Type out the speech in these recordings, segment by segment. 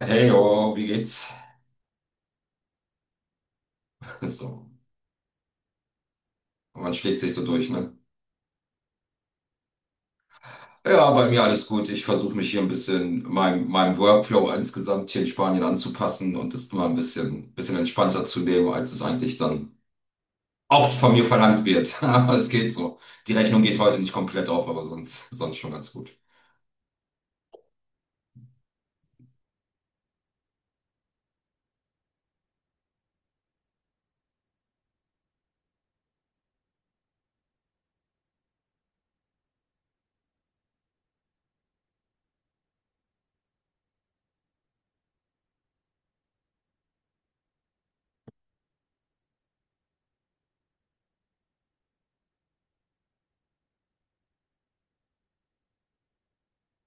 Hey, oh, wie geht's? So, man schlägt sich so durch, ne? Ja, bei mir alles gut. Ich versuche mich hier ein bisschen meinem Workflow insgesamt hier in Spanien anzupassen und es mal ein bisschen entspannter zu nehmen, als es eigentlich dann oft von mir verlangt wird. Aber es geht so. Die Rechnung geht heute nicht komplett auf, aber sonst schon ganz gut.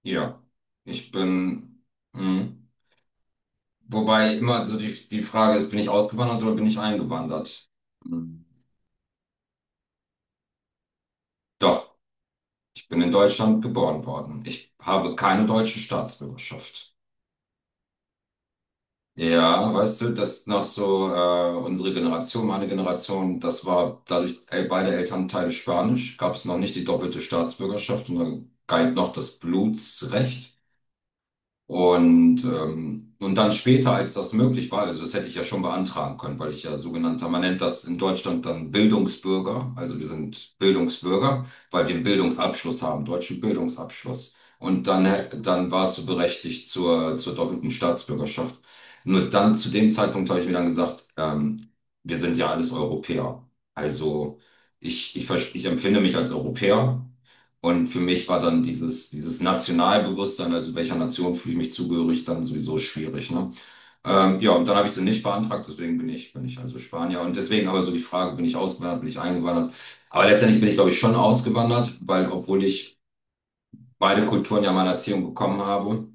Ja, ich bin, hm, wobei immer so die Frage ist, bin ich ausgewandert oder bin ich eingewandert? Hm. Doch, ich bin in Deutschland geboren worden. Ich habe keine deutsche Staatsbürgerschaft. Ja, weißt du, das noch so unsere Generation, meine Generation, das war dadurch beide Elternteile Spanisch, gab es noch nicht die doppelte Staatsbürgerschaft und dann galt noch das Blutsrecht. Und dann später, als das möglich war, also das hätte ich ja schon beantragen können, weil ich ja sogenannter, man nennt das in Deutschland dann Bildungsbürger, also wir sind Bildungsbürger, weil wir einen Bildungsabschluss haben, deutschen Bildungsabschluss. Und dann warst du berechtigt zur doppelten Staatsbürgerschaft. Nur dann, zu dem Zeitpunkt habe ich mir dann gesagt, wir sind ja alles Europäer. Also ich empfinde mich als Europäer und für mich war dann dieses Nationalbewusstsein, also welcher Nation fühle ich mich zugehörig, dann sowieso schwierig, ne? Ja, und dann habe ich sie nicht beantragt, deswegen bin ich also Spanier. Und deswegen aber so die Frage, bin ich ausgewandert, bin ich eingewandert? Aber letztendlich bin ich, glaube ich, schon ausgewandert, weil obwohl ich beide Kulturen ja meine Erziehung bekommen habe,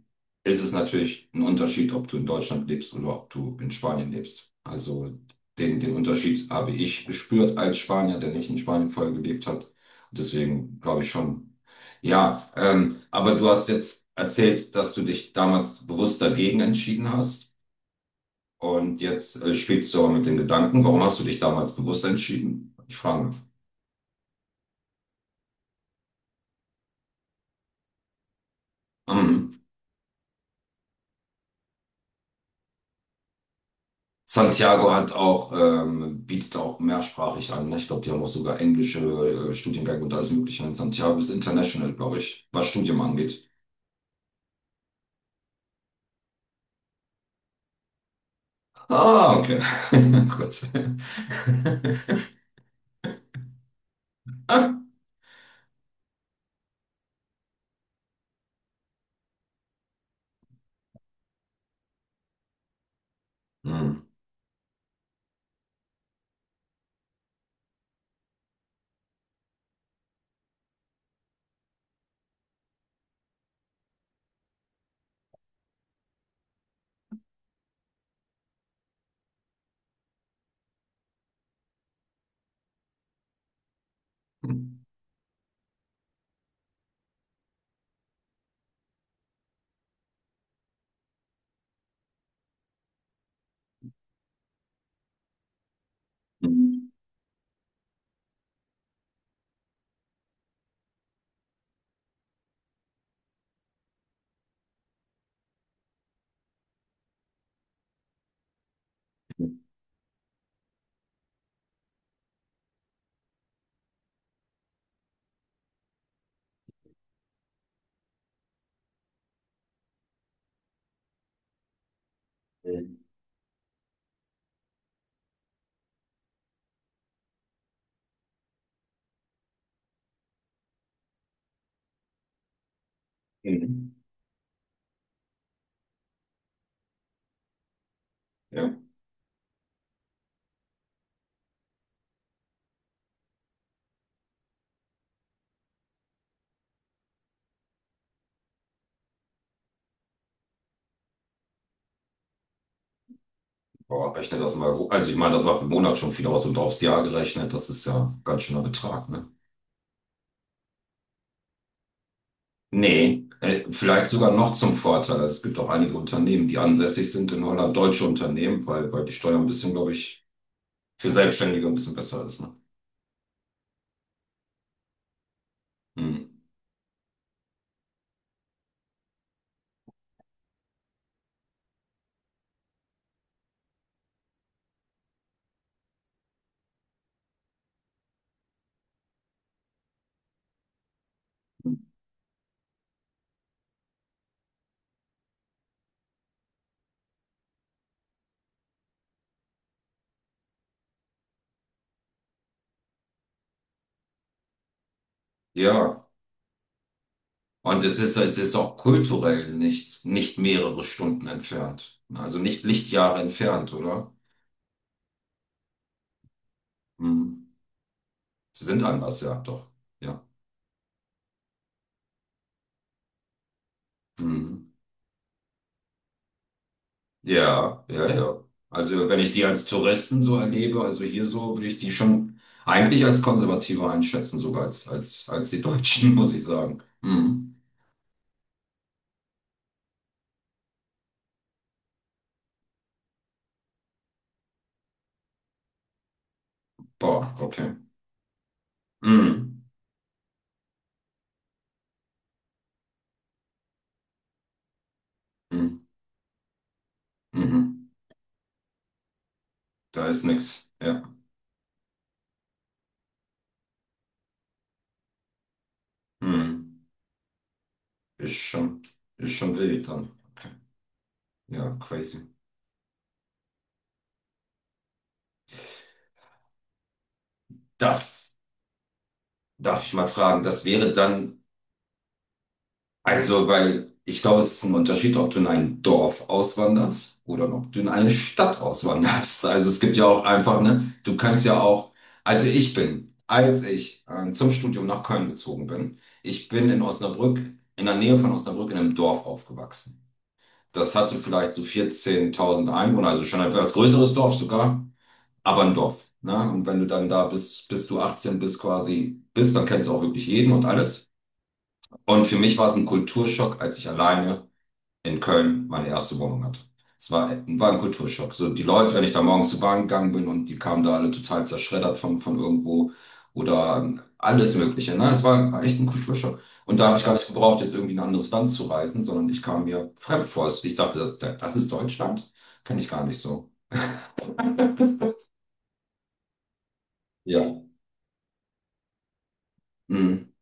ist es natürlich ein Unterschied, ob du in Deutschland lebst oder ob du in Spanien lebst. Also den Unterschied habe ich gespürt als Spanier, der nicht in Spanien vorher gelebt hat. Und deswegen glaube ich schon. Ja, aber du hast jetzt erzählt, dass du dich damals bewusst dagegen entschieden hast. Und jetzt spielst du aber mit den Gedanken, warum hast du dich damals bewusst entschieden? Ich frage mich. Mhm. Santiago hat auch, bietet auch mehrsprachig an. Ne? Ich glaube, die haben auch sogar englische Studiengänge und alles Mögliche. Und Santiago ist international, glaube ich, was Studium angeht. Ah, okay. Gut. Hm. Mhm. Ja, boah, rechne das mal hoch. Also ich meine, das macht im Monat schon viel aus und aufs Jahr gerechnet, das ist ja ein ganz schöner Betrag, ne? Nee, vielleicht sogar noch zum Vorteil. Also es gibt auch einige Unternehmen, die ansässig sind in Holland, deutsche Unternehmen, weil die Steuer ein bisschen, glaube ich, für Selbstständige ein bisschen besser ist. Ne? Hm. Ja, und es ist auch kulturell nicht mehrere Stunden entfernt. Also nicht Lichtjahre entfernt, oder? Hm. Sie sind anders, ja, doch. Ja. Mhm. Ja, ja, ja. Also wenn ich die als Touristen so erlebe, also hier so, würde ich die schon eigentlich als konservativer einschätzen, sogar als die Deutschen, muss ich sagen. Mhm. Boah, okay. Mhm. Mhm. Mhm. Da ist nix. Ja. Mhm. Ist schon, ist schon wild dann. Okay. Ja, crazy. Darf, darf ich mal fragen, das wäre dann, also, weil ich glaube, es ist ein Unterschied, ob du in ein Dorf auswanderst oder ob du in eine Stadt auswanderst. Also es gibt ja auch einfach, ne, du kannst ja auch, also ich bin, als ich zum Studium nach Köln gezogen bin, ich bin in Osnabrück, in der Nähe von Osnabrück in einem Dorf aufgewachsen. Das hatte vielleicht so 14.000 Einwohner, also schon ein etwas größeres Dorf sogar, aber ein Dorf. Ne? Und wenn du dann da bist, bis du 18 bist quasi bist, dann kennst du auch wirklich jeden und alles. Und für mich war es ein Kulturschock, als ich alleine in Köln meine erste Wohnung hatte. Es war, war ein Kulturschock. So die Leute, wenn ich da morgens zur Bahn gegangen bin und die kamen da alle total zerschreddert von irgendwo oder alles Mögliche. Ne? Es war, war echt ein Kulturschock. Und da habe ich gar nicht gebraucht, jetzt irgendwie in ein anderes Land zu reisen, sondern ich kam mir fremd vor. Ich dachte, das ist Deutschland. Kenne ich gar nicht so. Ja. Mhm.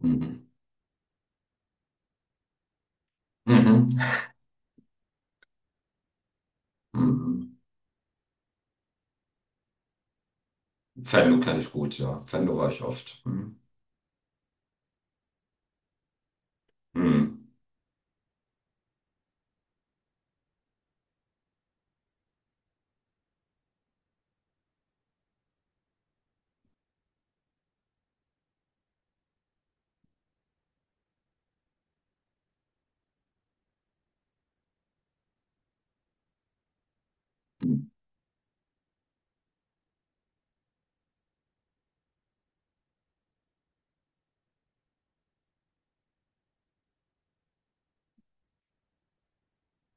Mhm. Mhm. Mhm. Venlo kenne ich gut, ja. Venlo war ich oft. Mhm. Mhm.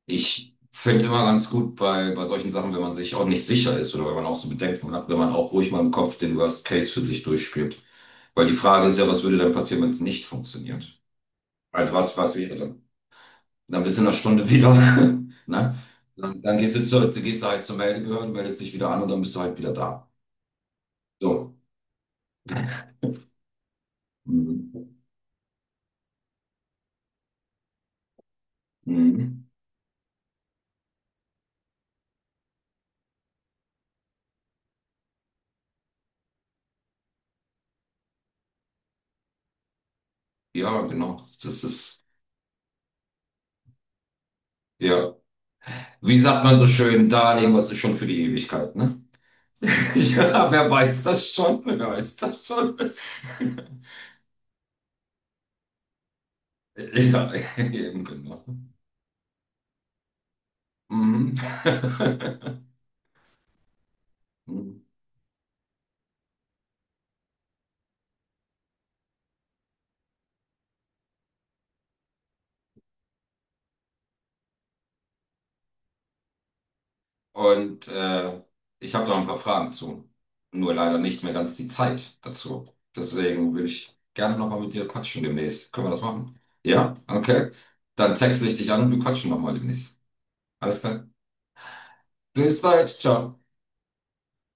Ich finde immer ganz gut bei solchen Sachen, wenn man sich auch nicht sicher ist oder wenn man auch so Bedenken hat, wenn man auch ruhig mal im Kopf den Worst Case für sich durchspielt. Weil die Frage ist ja, was würde dann passieren, wenn es nicht funktioniert? Also was wäre dann? Dann bist du in einer Stunde wieder, ne? Dann gehst gehst du halt zur Meldebehörde, meldest dich wieder an und dann bist du halt wieder da. So. Mhm. Mhm. Ja, genau. Das ist, ja. Wie sagt man so schön, Darling, was ist schon für die Ewigkeit, ne? Ja, wer weiß das schon? Wer weiß das schon? Ja, eben genau. Mhm. Und ich habe da ein paar Fragen zu. Nur leider nicht mehr ganz die Zeit dazu. Deswegen will ich gerne nochmal mit dir quatschen demnächst. Können wir das machen? Ja? Okay. Dann texte ich dich an und wir quatschen nochmal demnächst. Alles klar. Bis bald. Ciao.